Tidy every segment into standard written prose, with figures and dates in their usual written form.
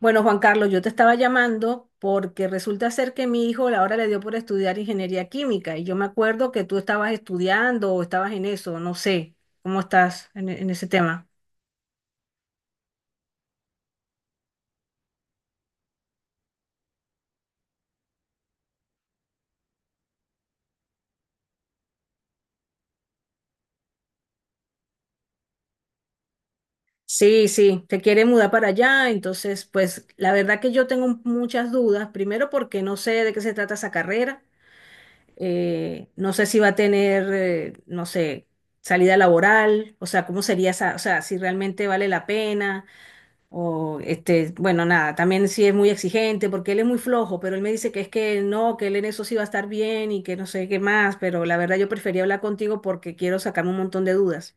Bueno, Juan Carlos, yo te estaba llamando porque resulta ser que mi hijo ahora le dio por estudiar ingeniería química y yo me acuerdo que tú estabas estudiando o estabas en eso, no sé, ¿cómo estás en ese tema? Sí, sí, te quiere mudar para allá, entonces pues la verdad que yo tengo muchas dudas, primero porque no sé de qué se trata esa carrera, no sé si va a tener, no sé, salida laboral, o sea, cómo sería esa, o sea, si realmente vale la pena. O este, bueno, nada, también sí es muy exigente porque él es muy flojo, pero él me dice que es que no, que él en eso sí va a estar bien y que no sé qué más, pero la verdad yo prefería hablar contigo porque quiero sacarme un montón de dudas.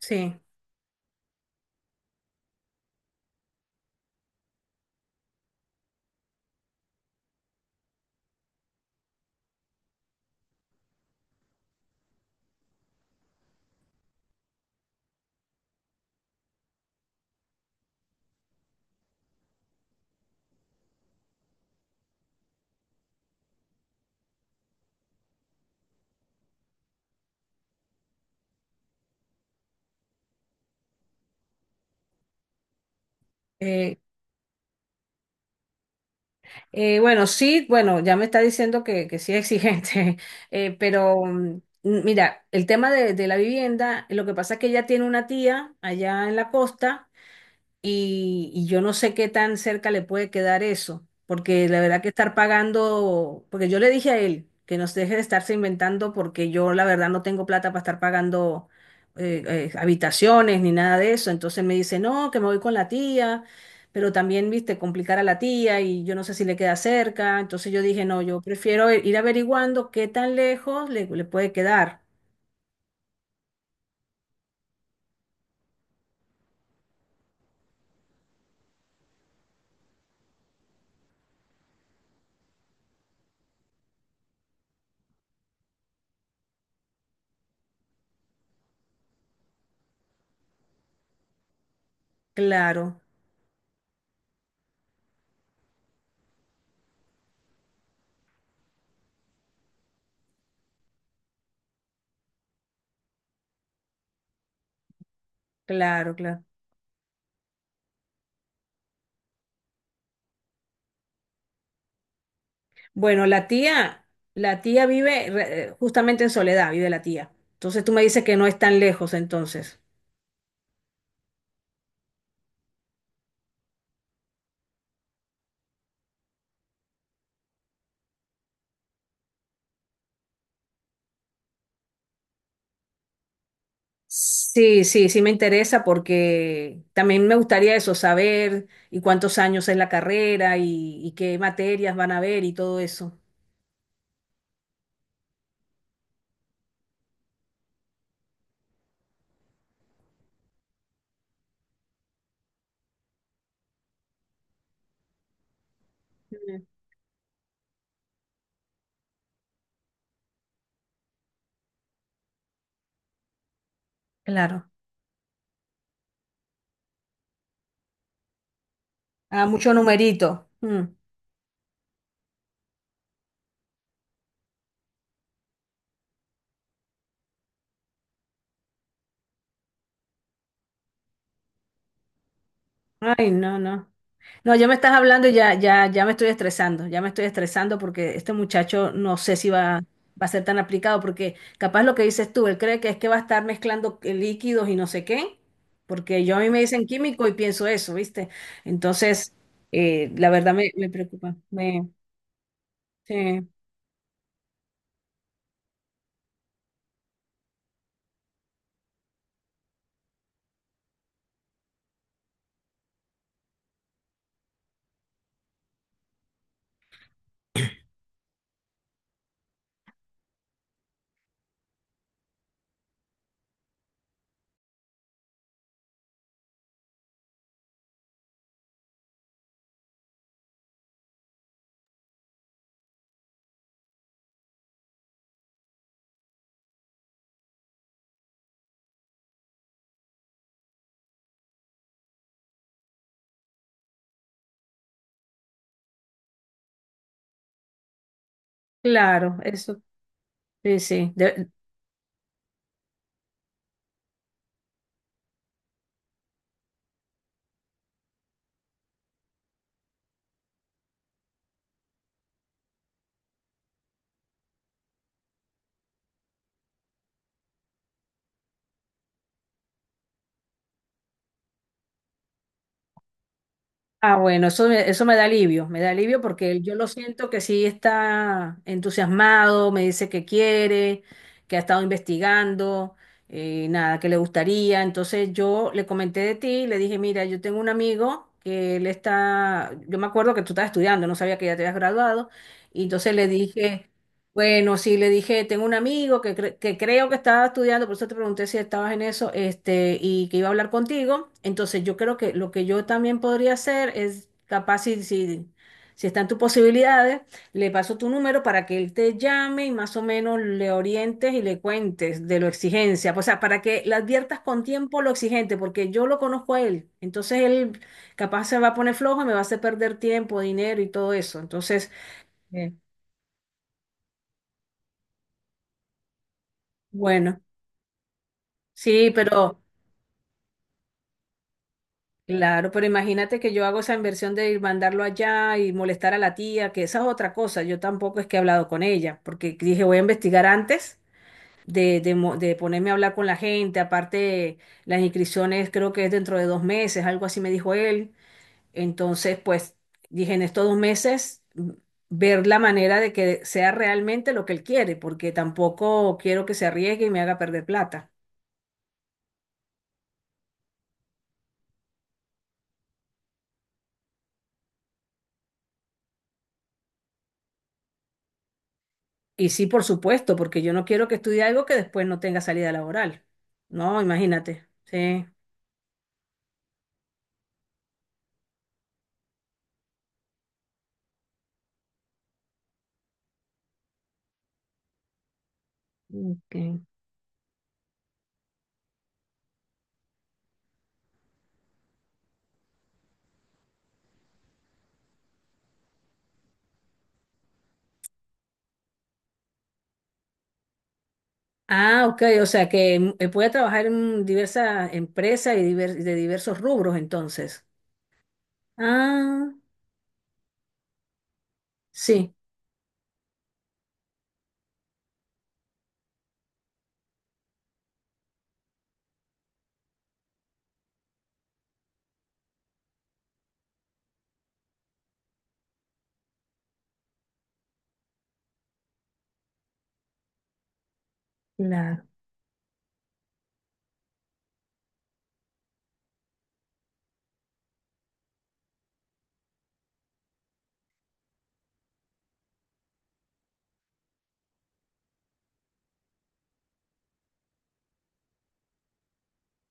Sí. eh, bueno, sí, bueno, ya me está diciendo que sí es exigente, pero mira, el tema de la vivienda, lo que pasa es que ella tiene una tía allá en la costa y yo no sé qué tan cerca le puede quedar eso, porque la verdad que estar pagando, porque yo le dije a él que nos deje de estarse inventando porque yo la verdad no tengo plata para estar pagando habitaciones ni nada de eso, entonces me dice, no, que me voy con la tía, pero también, viste, complicar a la tía y yo no sé si le queda cerca, entonces yo dije, no, yo prefiero ir averiguando qué tan lejos le puede quedar. Claro, claro, claro. Bueno, la tía vive justamente en Soledad, vive la tía. Entonces tú me dices que no es tan lejos, entonces. Sí, sí, sí me interesa porque también me gustaría eso, saber y cuántos años es la carrera y qué materias van a ver y todo eso. Mm. Claro. Ah, mucho numerito. Mm. Ay, no, no. No, ya me estás hablando y ya, ya, ya me estoy estresando, ya me estoy estresando porque este muchacho no sé si va, va a ser tan aplicado, porque capaz lo que dices tú, él cree que es que va a estar mezclando líquidos y no sé qué, porque yo a mí me dicen químico y pienso eso, ¿viste? Entonces, la verdad me preocupa. Me, sí, claro, eso, sí, sí. Ah, bueno, eso me da alivio porque él, yo lo siento que sí está entusiasmado, me dice que quiere, que ha estado investigando, nada, que le gustaría. Entonces yo le comenté de ti, le dije, mira, yo tengo un amigo que él está, yo me acuerdo que tú estabas estudiando, no sabía que ya te habías graduado, y entonces le dije, bueno, sí, le dije, tengo un amigo que creo que estaba estudiando, por eso te pregunté si estabas en eso, este, y que iba a hablar contigo. Entonces, yo creo que lo que yo también podría hacer es, capaz si están tus posibilidades, le paso tu número para que él te llame y más o menos le orientes y le cuentes de lo exigencia. O sea, para que le adviertas con tiempo lo exigente, porque yo lo conozco a él. Entonces, él capaz se va a poner flojo y me va a hacer perder tiempo, dinero y todo eso. Entonces, bien, bueno. Sí, pero claro, pero imagínate que yo hago esa inversión de ir mandarlo allá y molestar a la tía, que esa es otra cosa. Yo tampoco es que he hablado con ella, porque dije voy a investigar antes de ponerme a hablar con la gente. Aparte, las inscripciones creo que es dentro de 2 meses, algo así me dijo él. Entonces, pues dije en estos 2 meses, ver la manera de que sea realmente lo que él quiere, porque tampoco quiero que se arriesgue y me haga perder plata. Y sí, por supuesto, porque yo no quiero que estudie algo que después no tenga salida laboral. No, imagínate. Sí. Ok. Ah, ok, o sea que puede trabajar en diversas empresas y de diversos rubros entonces. Ah, sí. Claro.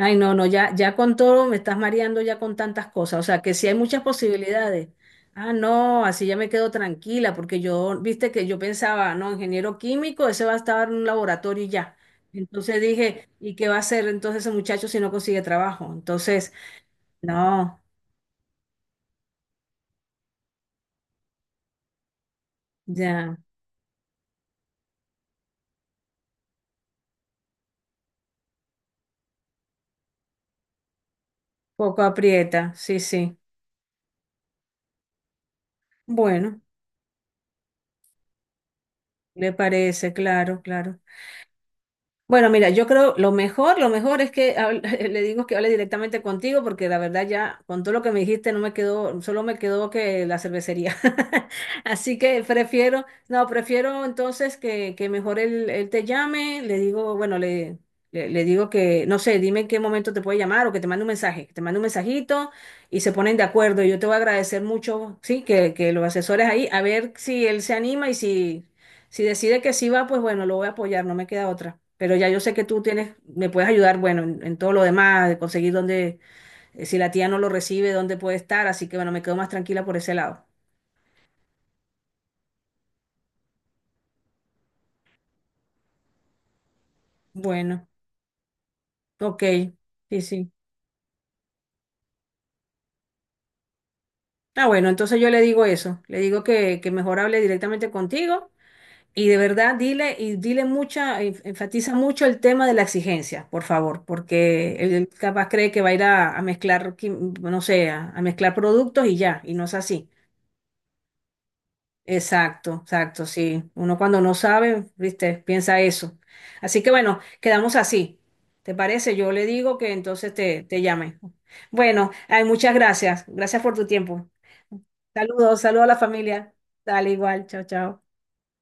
Ay, no, no, ya con todo me estás mareando ya con tantas cosas. O sea, que sí hay muchas posibilidades. Ah, no, así ya me quedo tranquila, porque yo, viste que yo pensaba, no, ingeniero químico, ese va a estar en un laboratorio y ya. Entonces dije, ¿y qué va a hacer entonces ese muchacho si no consigue trabajo? Entonces, no, ya, poco aprieta, sí, sí. Bueno, le parece, claro, claro. Bueno, mira, yo creo lo mejor es le digo que hable directamente contigo porque la verdad ya con todo lo que me dijiste no me quedó, solo me quedó que la cervecería. Así que prefiero, no, prefiero entonces que mejor él te llame, le digo, bueno, le digo que, no sé, dime en qué momento te puede llamar o que te mande un mensaje, que te mande un mensajito y se ponen de acuerdo. Yo te voy a agradecer mucho, sí, que los asesores ahí, a ver si él se anima y si... Si decide que sí va, pues bueno, lo voy a apoyar, no me queda otra. Pero ya yo sé que tú tienes, me puedes ayudar, bueno, en todo lo demás, de conseguir dónde, si la tía no lo recibe, dónde puede estar, así que bueno, me quedo más tranquila por ese lado. Bueno, ok, sí, sí. Ah, bueno, entonces yo le digo eso, le digo que mejor hable directamente contigo y de verdad dile y dile mucha, enfatiza mucho el tema de la exigencia, por favor, porque él capaz cree que va a ir a mezclar, no sé, a mezclar productos y ya, y no es así. Exacto, exacto, sí. Uno cuando no sabe, viste, piensa eso. Así que bueno, quedamos así. ¿Te parece? Yo le digo que entonces te llame. Bueno, ay, muchas gracias. Gracias por tu tiempo. Saludos, saludos a la familia. Dale igual, chao, chao.